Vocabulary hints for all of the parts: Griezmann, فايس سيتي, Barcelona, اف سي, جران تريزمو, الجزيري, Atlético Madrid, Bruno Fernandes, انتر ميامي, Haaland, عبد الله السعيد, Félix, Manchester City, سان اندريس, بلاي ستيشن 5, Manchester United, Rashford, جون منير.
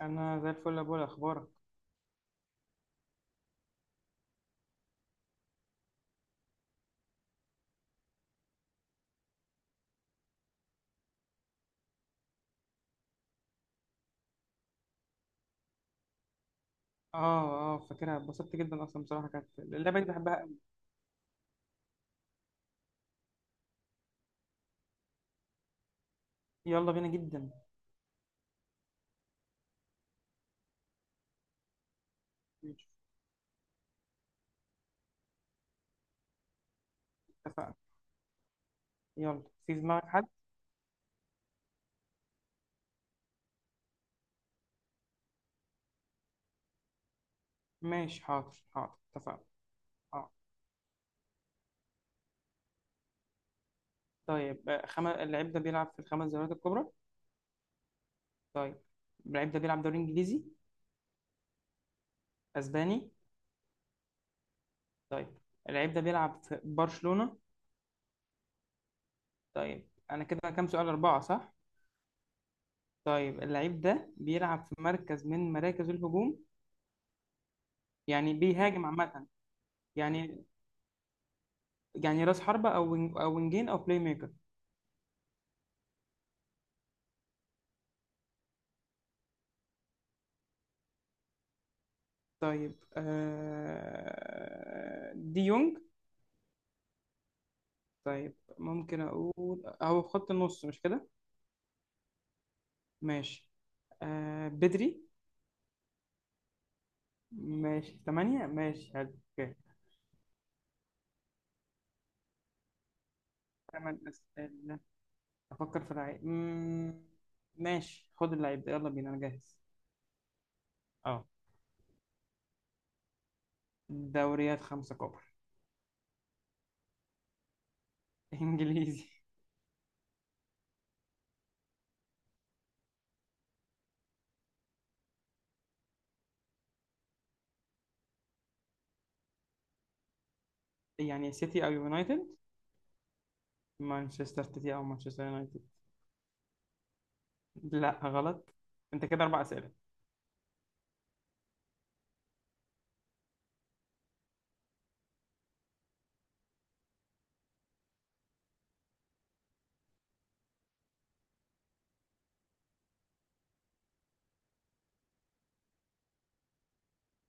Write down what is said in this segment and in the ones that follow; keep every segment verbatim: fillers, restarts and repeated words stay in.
انا زي الفل يا بولا، اخبارك؟ اه اه، فاكرها، اتبسطت جدا اصلا بصراحه، كانت اللعبه دي بحبها قوي. يلا بينا جدا. ماشي. اتفقنا. يلا، في دماغك حد؟ ماشي، حاضر حاضر اتفقنا. اه. طيب، آه، خم... اللعيب ده بيلعب في الخمس دوريات الكبرى؟ طيب، اللعيب ده بيلعب دوري انجليزي؟ اسباني؟ طيب، اللعيب ده بيلعب في برشلونه؟ طيب انا كده كام سؤال، اربعه صح؟ طيب، اللعيب ده بيلعب في مركز من مراكز الهجوم؟ يعني بيهاجم عامه؟ يعني يعني راس حربة أو وينج أو وينجين أو بلاي ميكر. طيب، آه... دي يونج؟ طيب ممكن أقول، هو في خط النص مش كده؟ ماشي. آه... بدري؟ ماشي، ثمانية، ماشي حلو. أوكي، ثمان أسئلة. أفكر في لعيب. مم، ماشي، خد اللعيب ده، يلا بينا، أنا جاهز. أه. دوريات خمسة كبرى. إنجليزي. يعني سيتي أو يونايتد؟ مانشستر سيتي أو مانشستر يونايتد؟ لا، غلط. أنت كده أربع أسئلة.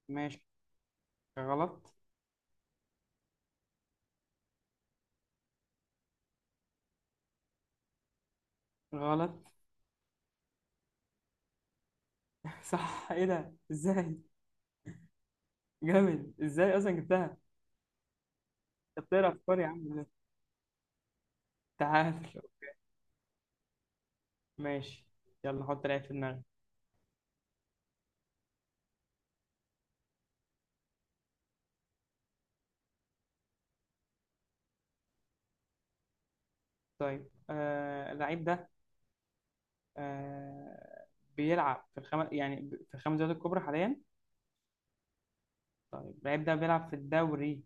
ماشي. غلط. غلط. صح، ايه ده، ازاي؟ جامد، ازاي اصلا جبتها؟ طب تقرا افكار يا عم ده. تعال. ماشي. يلا، حط لعيب في دماغك. طيب، آه اللعيب ده، آه بيلعب في الخم... يعني ب- في الخمس دوريات الكبرى حاليا؟ طيب، اللعيب ده بيلعب في الدوري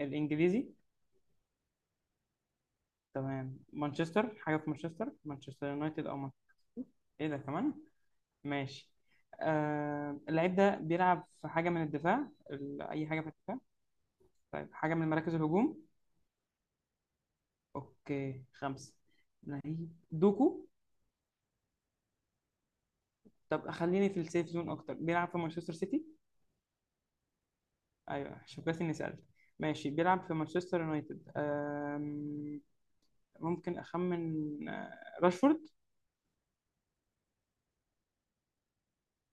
الانجليزي؟ تمام، مانشستر، حاجه في مانشستر، مانشستر يونايتد او مانشستر؟ ايه ده كمان. ماشي. آه اللعيب ده بيلعب في حاجه من الدفاع، ال- اي حاجه في الدفاع؟ طيب، حاجة من مراكز الهجوم؟ اوكي، خمسة. لعيب دوكو. طب خليني في السيف زون اكتر. بيلعب في مانشستر سيتي؟ ايوه، شوف بس اني سألت. ماشي، بيلعب في مانشستر يونايتد. أم، ممكن اخمن، آه، راشفورد؟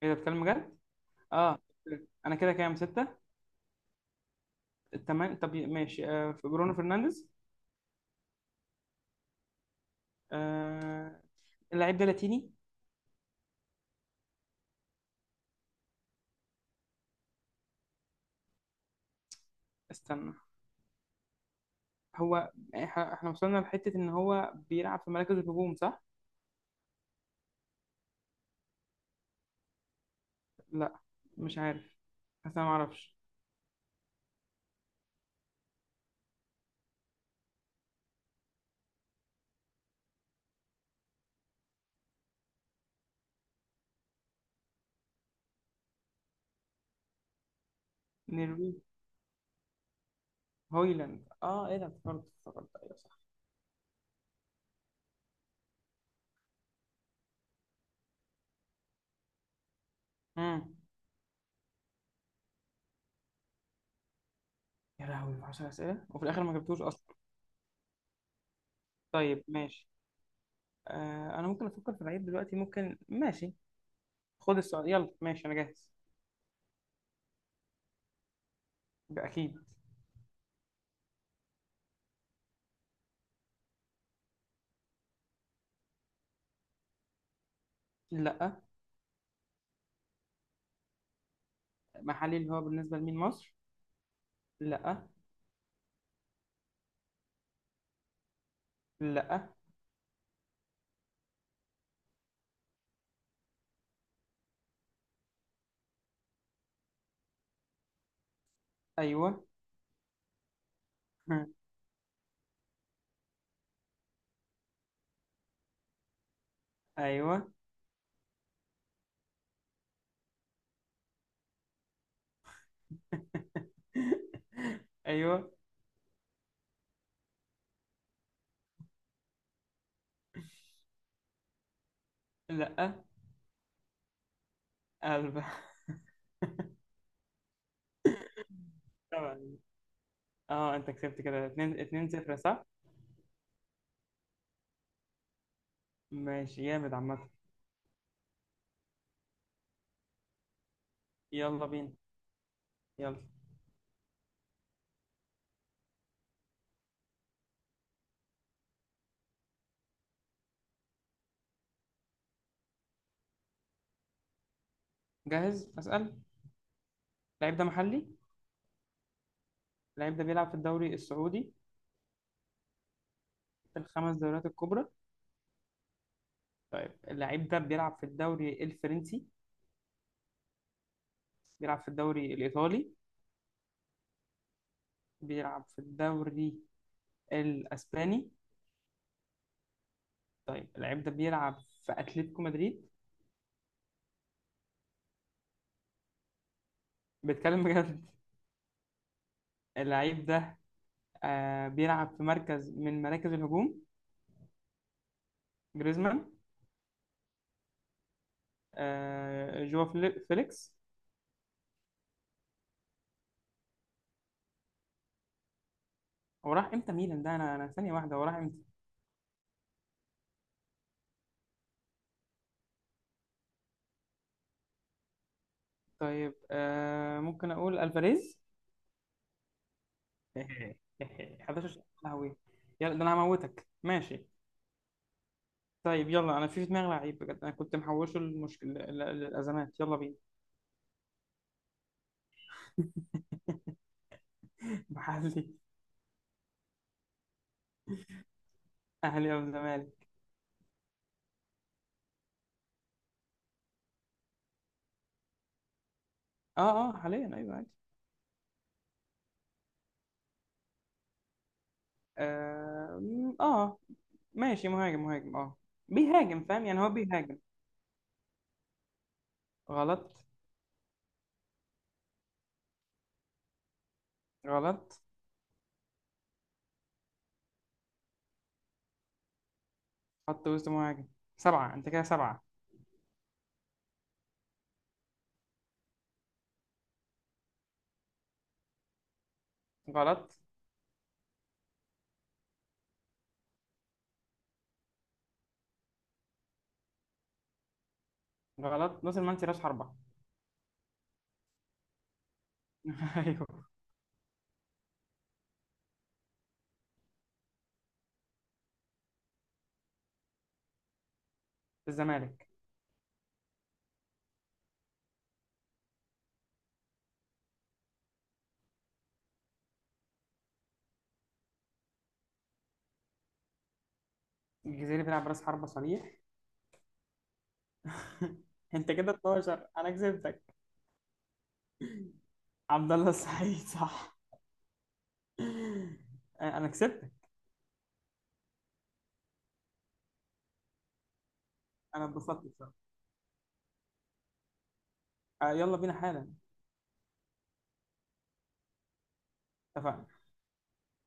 ايه ده، بتكلم جد؟ اه. انا كده كام، ستة؟ تمام. طب ماشي، آه، في برونو فرنانديز؟ آه، اللعيب ده لاتيني؟ استنى، هو، إح- احنا وصلنا لحتة ان هو بيلعب في مراكز الهجوم صح؟ لا، مش عارف، بس انا ما اعرفش. نرويج؟ هويلاند، اه، ايه ده، افتكرت افتكرت، ايوه صح. امم يا لهوي، عشر اسئله وفي الاخر ما جبتوش اصلا. طيب ماشي، آه انا ممكن افكر في العيب دلوقتي، ممكن، ماشي. خد السؤال، يلا ماشي، انا جاهز. اكيد. لا. محلي، اللي هو بالنسبه لمين، مصر؟ لا. لا. ايوه. ايوه. ايوه. لا. قلب. طبعا اه، انت كسبت كده، اتنين اتنين صفر صح؟ ماشي، جامد عامه. يلا بينا، يلا. جاهز أسأل. اللعيب ده محلي؟ اللعيب ده بيلعب في الدوري السعودي؟ في الخمس دوريات الكبرى؟ طيب، اللعيب ده بيلعب في الدوري الفرنسي؟ بيلعب في الدوري الإيطالي؟ بيلعب في الدوري الأسباني؟ طيب، اللعيب ده بيلعب في أتلتيكو مدريد؟ بيتكلم بجد؟ اللعيب ده آه بيلعب في مركز من مراكز الهجوم؟ جريزمان؟ آه جوا، فلي- فيليكس؟ هو راح امتى ميلان ده، انا انا ثانية واحدة، هو راح امتى؟ طيب، آه ممكن اقول الفاريز؟ إيه، إيه، حداشر شهر، يا لهوي! يلا ده انا هموتك. ماشي. طيب يلا، انا في في دماغي لعيب بجد، انا كنت محوشه، المشكله الازمات، يلا بينا. محلي. اهلي او الزمالك؟ اه اه، حاليا، ايوه عادي. آه, م- اه. ماشي، مهاجم، مهاجم، اه. بيهاجم، فاهم؟ يعني هو بيهاجم. غلط. غلط. خط وسط مهاجم. سبعة، انت كده سبعة. غلط. غلط، نص المنسي راس حربة. ايوه. الزمالك. الجزيري بيلعب راس حربة صريح. انت كده اتناشر، انا كسبتك. عبد الله السعيد صح. انا كسبتك. انا اتبسطت بصراحه. آه، يلا بينا حالا. اتفقنا.